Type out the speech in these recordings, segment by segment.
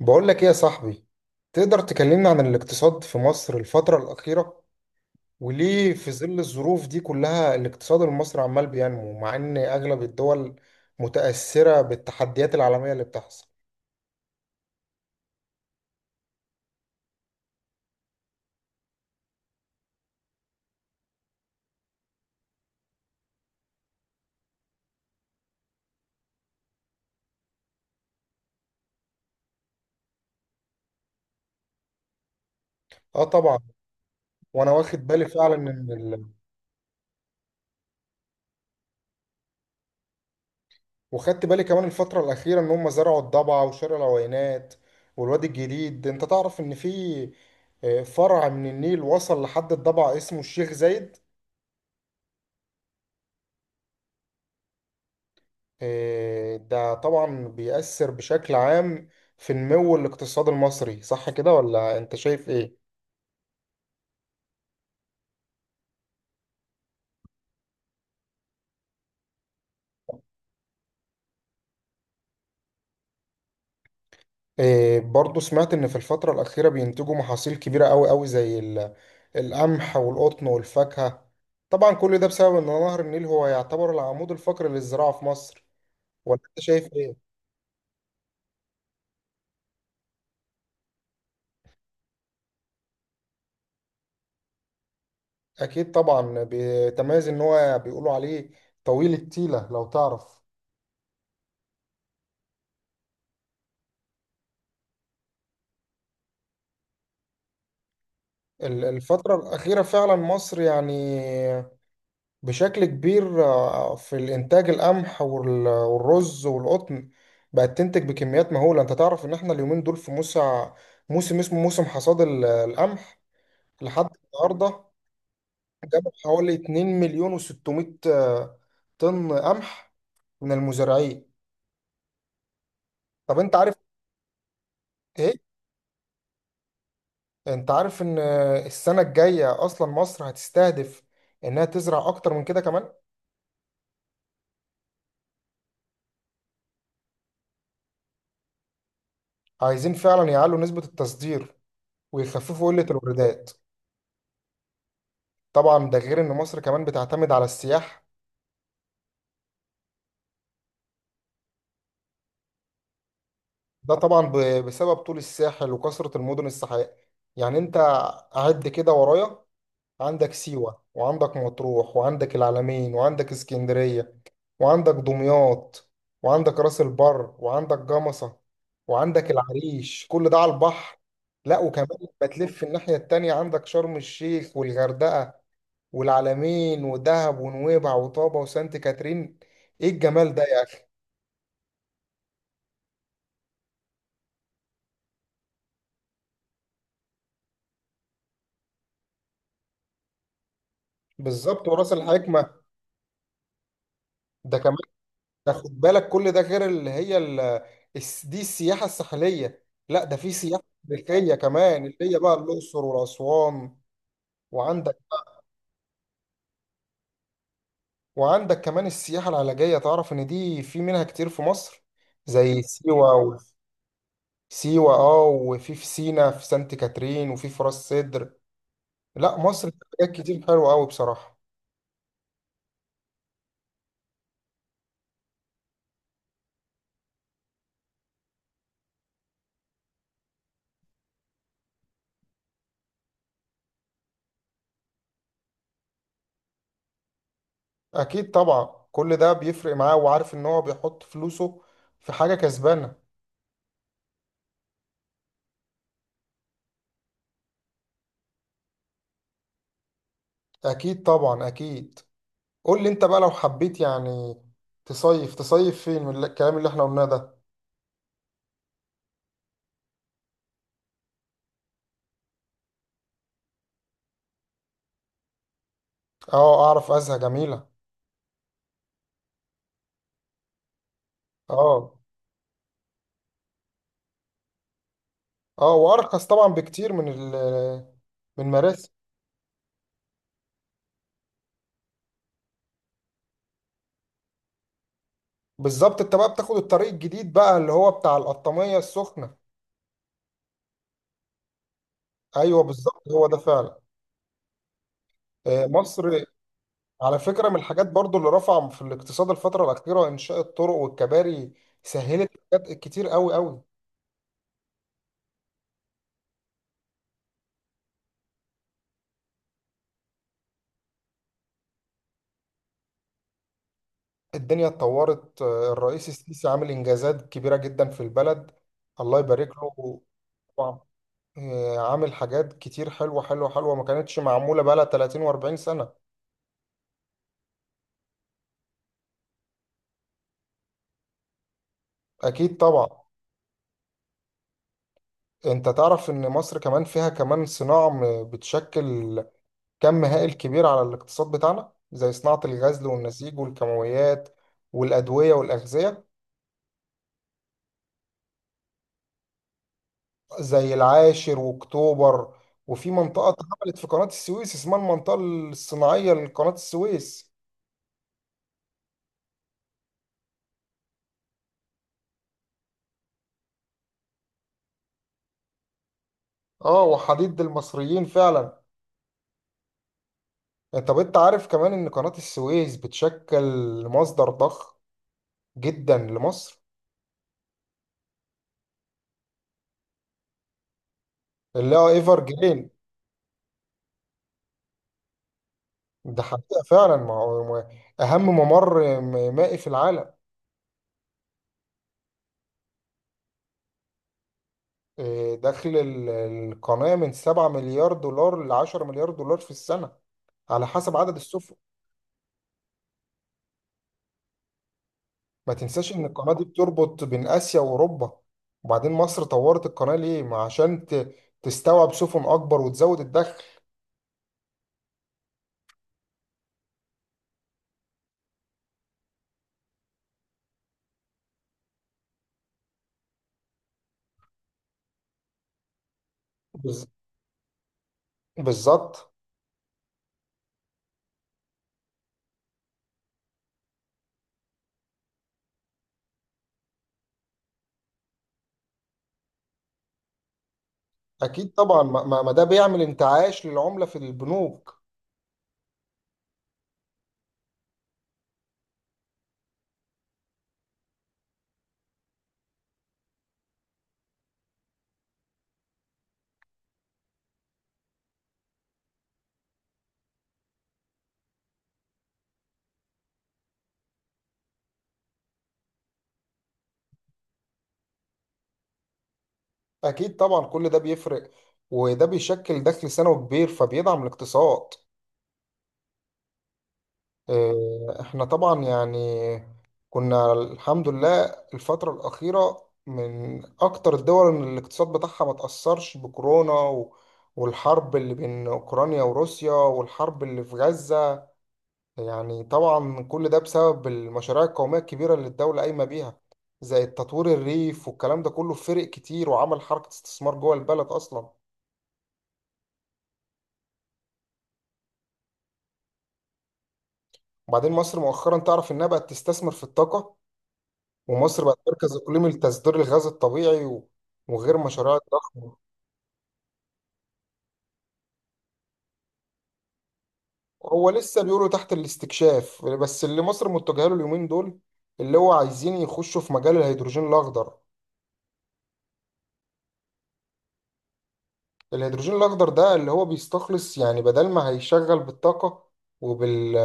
بقول لك ايه يا صاحبي. تقدر تكلمنا عن الاقتصاد في مصر الفترة الأخيرة، وليه في ظل الظروف دي كلها الاقتصاد المصري عمال بينمو مع ان اغلب الدول متأثرة بالتحديات العالمية اللي بتحصل؟ اه طبعا. وانا واخد بالي فعلا ان وخدت بالي كمان الفترة الأخيرة ان هم زرعوا الضبع وشارع العوينات والوادي الجديد. انت تعرف ان في فرع من النيل وصل لحد الضبع اسمه الشيخ زايد. إيه، ده طبعا بيأثر بشكل عام في نمو الاقتصاد المصري، صح كده ولا انت شايف ايه؟ إيه، برضو سمعت ان في الفترة الأخيرة بينتجوا محاصيل كبيرة قوي قوي زي القمح والقطن والفاكهة. طبعا كل ده بسبب ان نهر النيل هو يعتبر العمود الفقري للزراعة في مصر، ولا انت شايف ايه؟ اكيد طبعا. بتميز ان هو بيقولوا عليه طويل التيلة لو تعرف. الفترة الأخيرة فعلا مصر يعني بشكل كبير، في الإنتاج القمح والرز والقطن، بقت تنتج بكميات مهولة. أنت تعرف إن إحنا اليومين دول في موسم اسمه موسم حصاد القمح. لحد النهاردة جابوا حوالي 2 مليون و600 طن قمح من المزارعين. طب أنت عارف؟ إيه؟ أنت عارف إن السنة الجاية أصلا مصر هتستهدف إنها تزرع أكتر من كده كمان. عايزين فعلا يعلوا نسبة التصدير ويخففوا قلة الواردات. طبعا ده غير ان مصر كمان بتعتمد على السياح. ده طبعا بسبب طول الساحل وكثرة المدن الساحلية. يعني انت عد كده ورايا: عندك سيوة، وعندك مطروح، وعندك العلمين، وعندك اسكندرية، وعندك دمياط، وعندك راس البر، وعندك جمصة، وعندك العريش، كل ده على البحر. لا وكمان بتلف الناحية التانية عندك شرم الشيخ والغردقة والعلمين ودهب ونويبع وطابة وسانت كاترين. ايه الجمال ده يا! بالظبط، وراس الحكمة ده كمان. ده خد بالك كل ده غير اللي هي دي السياحة الساحلية. لا ده في سياحة تاريخية كمان اللي هي بقى الأقصر وأسوان. وعندك، وعندك كمان السياحة العلاجية. تعرف إن دي في منها كتير في مصر، زي سيوة سيوة اه، وفي في سينا في سانت كاترين، وفي في راس سدر. لا مصر في حاجات كتير حلوة أوي بصراحة. أكيد طبعا كل ده بيفرق معاه، وعارف إن هو بيحط فلوسه في حاجة كسبانة. اكيد طبعا اكيد. قول لي انت بقى لو حبيت يعني تصيف فين من الكلام اللي احنا قلناه ده؟ اه اعرف ازهى، جميله. اه. اه وارخص طبعا بكتير من من مراسي. بالظبط، انت بقى بتاخد الطريق الجديد بقى اللي هو بتاع القطامية السخنة. ايوه بالظبط هو ده فعلا. مصر على فكرة من الحاجات برضو اللي رفع في الاقتصاد الفترة الأخيرة إنشاء الطرق والكباري، سهلت حاجات كتير قوي قوي. الدنيا اتطورت، الرئيس السيسي عامل إنجازات كبيرة جدا في البلد. الله يبارك له. طبعا عامل حاجات كتير حلوة حلوة حلوة ما كانتش معمولة بقالها 30 و40 سنة. أكيد طبعا. أنت تعرف إن مصر كمان فيها كمان صناعة بتشكل كم هائل كبير على الاقتصاد بتاعنا، زي صناعة الغزل والنسيج والكيماويات والأدوية والأغذية. زي العاشر وأكتوبر، وفي منطقة اتعملت في قناة السويس اسمها المنطقة الصناعية لقناة السويس. اه وحديد المصريين فعلا. طب انت عارف كمان ان قناة السويس بتشكل مصدر ضخم جدا لمصر، اللي هو ايفر جرين. ده حقيقة فعلا. ما هو اهم ممر مائي في العالم. إيه، دخل القناة من 7 مليار دولار ل 10 مليار دولار في السنة، على حسب عدد السفن. ما تنساش ان القناة دي بتربط بين اسيا واوروبا. وبعدين مصر طورت القناة ليه؟ ما عشان تستوعب سفن اكبر وتزود الدخل. بز- بالظبط. اكيد طبعا، ما ده بيعمل انتعاش للعمله في البنوك. اكيد طبعا كل ده بيفرق، وده بيشكل دخل سنوي كبير فبيدعم الاقتصاد. احنا طبعا يعني كنا الحمد لله الفتره الاخيره من اكتر الدول ان الاقتصاد بتاعها ما تاثرش بكورونا والحرب اللي بين اوكرانيا وروسيا والحرب اللي في غزه. يعني طبعا كل ده بسبب المشاريع القومية الكبيرة اللي الدولة قايمة بيها، زي التطوير الريف والكلام ده كله فرق كتير وعمل حركة استثمار جوه البلد أصلا. وبعدين مصر مؤخرا تعرف إنها بقت تستثمر في الطاقة، ومصر بقت مركز إقليمي لتصدير الغاز الطبيعي وغير مشاريع الضخمة. هو لسه بيقولوا تحت الاستكشاف، بس اللي مصر متجهة له اليومين دول اللي هو عايزين يخشوا في مجال الهيدروجين الأخضر. الهيدروجين الأخضر ده اللي هو بيستخلص، يعني بدل ما هيشغل بالطاقة وبال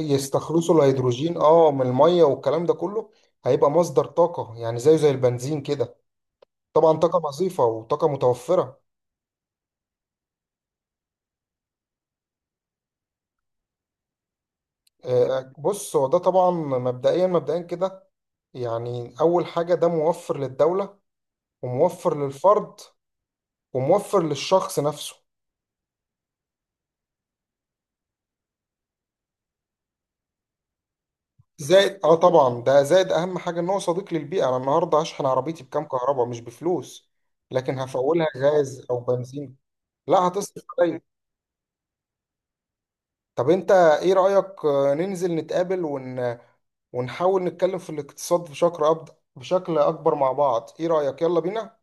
يستخلصوا الهيدروجين اه من الميه والكلام ده كله. هيبقى مصدر طاقه يعني زيه زي البنزين كده، طبعا طاقه نظيفه وطاقه متوفره. بص، هو ده طبعا مبدئيا كده يعني اول حاجه ده موفر للدوله، وموفر للفرد، وموفر للشخص نفسه. زائد اه طبعا ده زائد اهم حاجه ان هو صديق للبيئه. انا النهارده هشحن عربيتي بكام؟ كهرباء مش بفلوس، لكن هفولها غاز او بنزين لا هتصرف عليا. طب انت ايه رأيك ننزل نتقابل ونحاول نتكلم في الاقتصاد بشكل اكبر مع بعض؟ ايه رأيك؟ يلا بينا.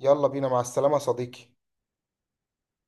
يلا بينا مع السلامة يا صديقي.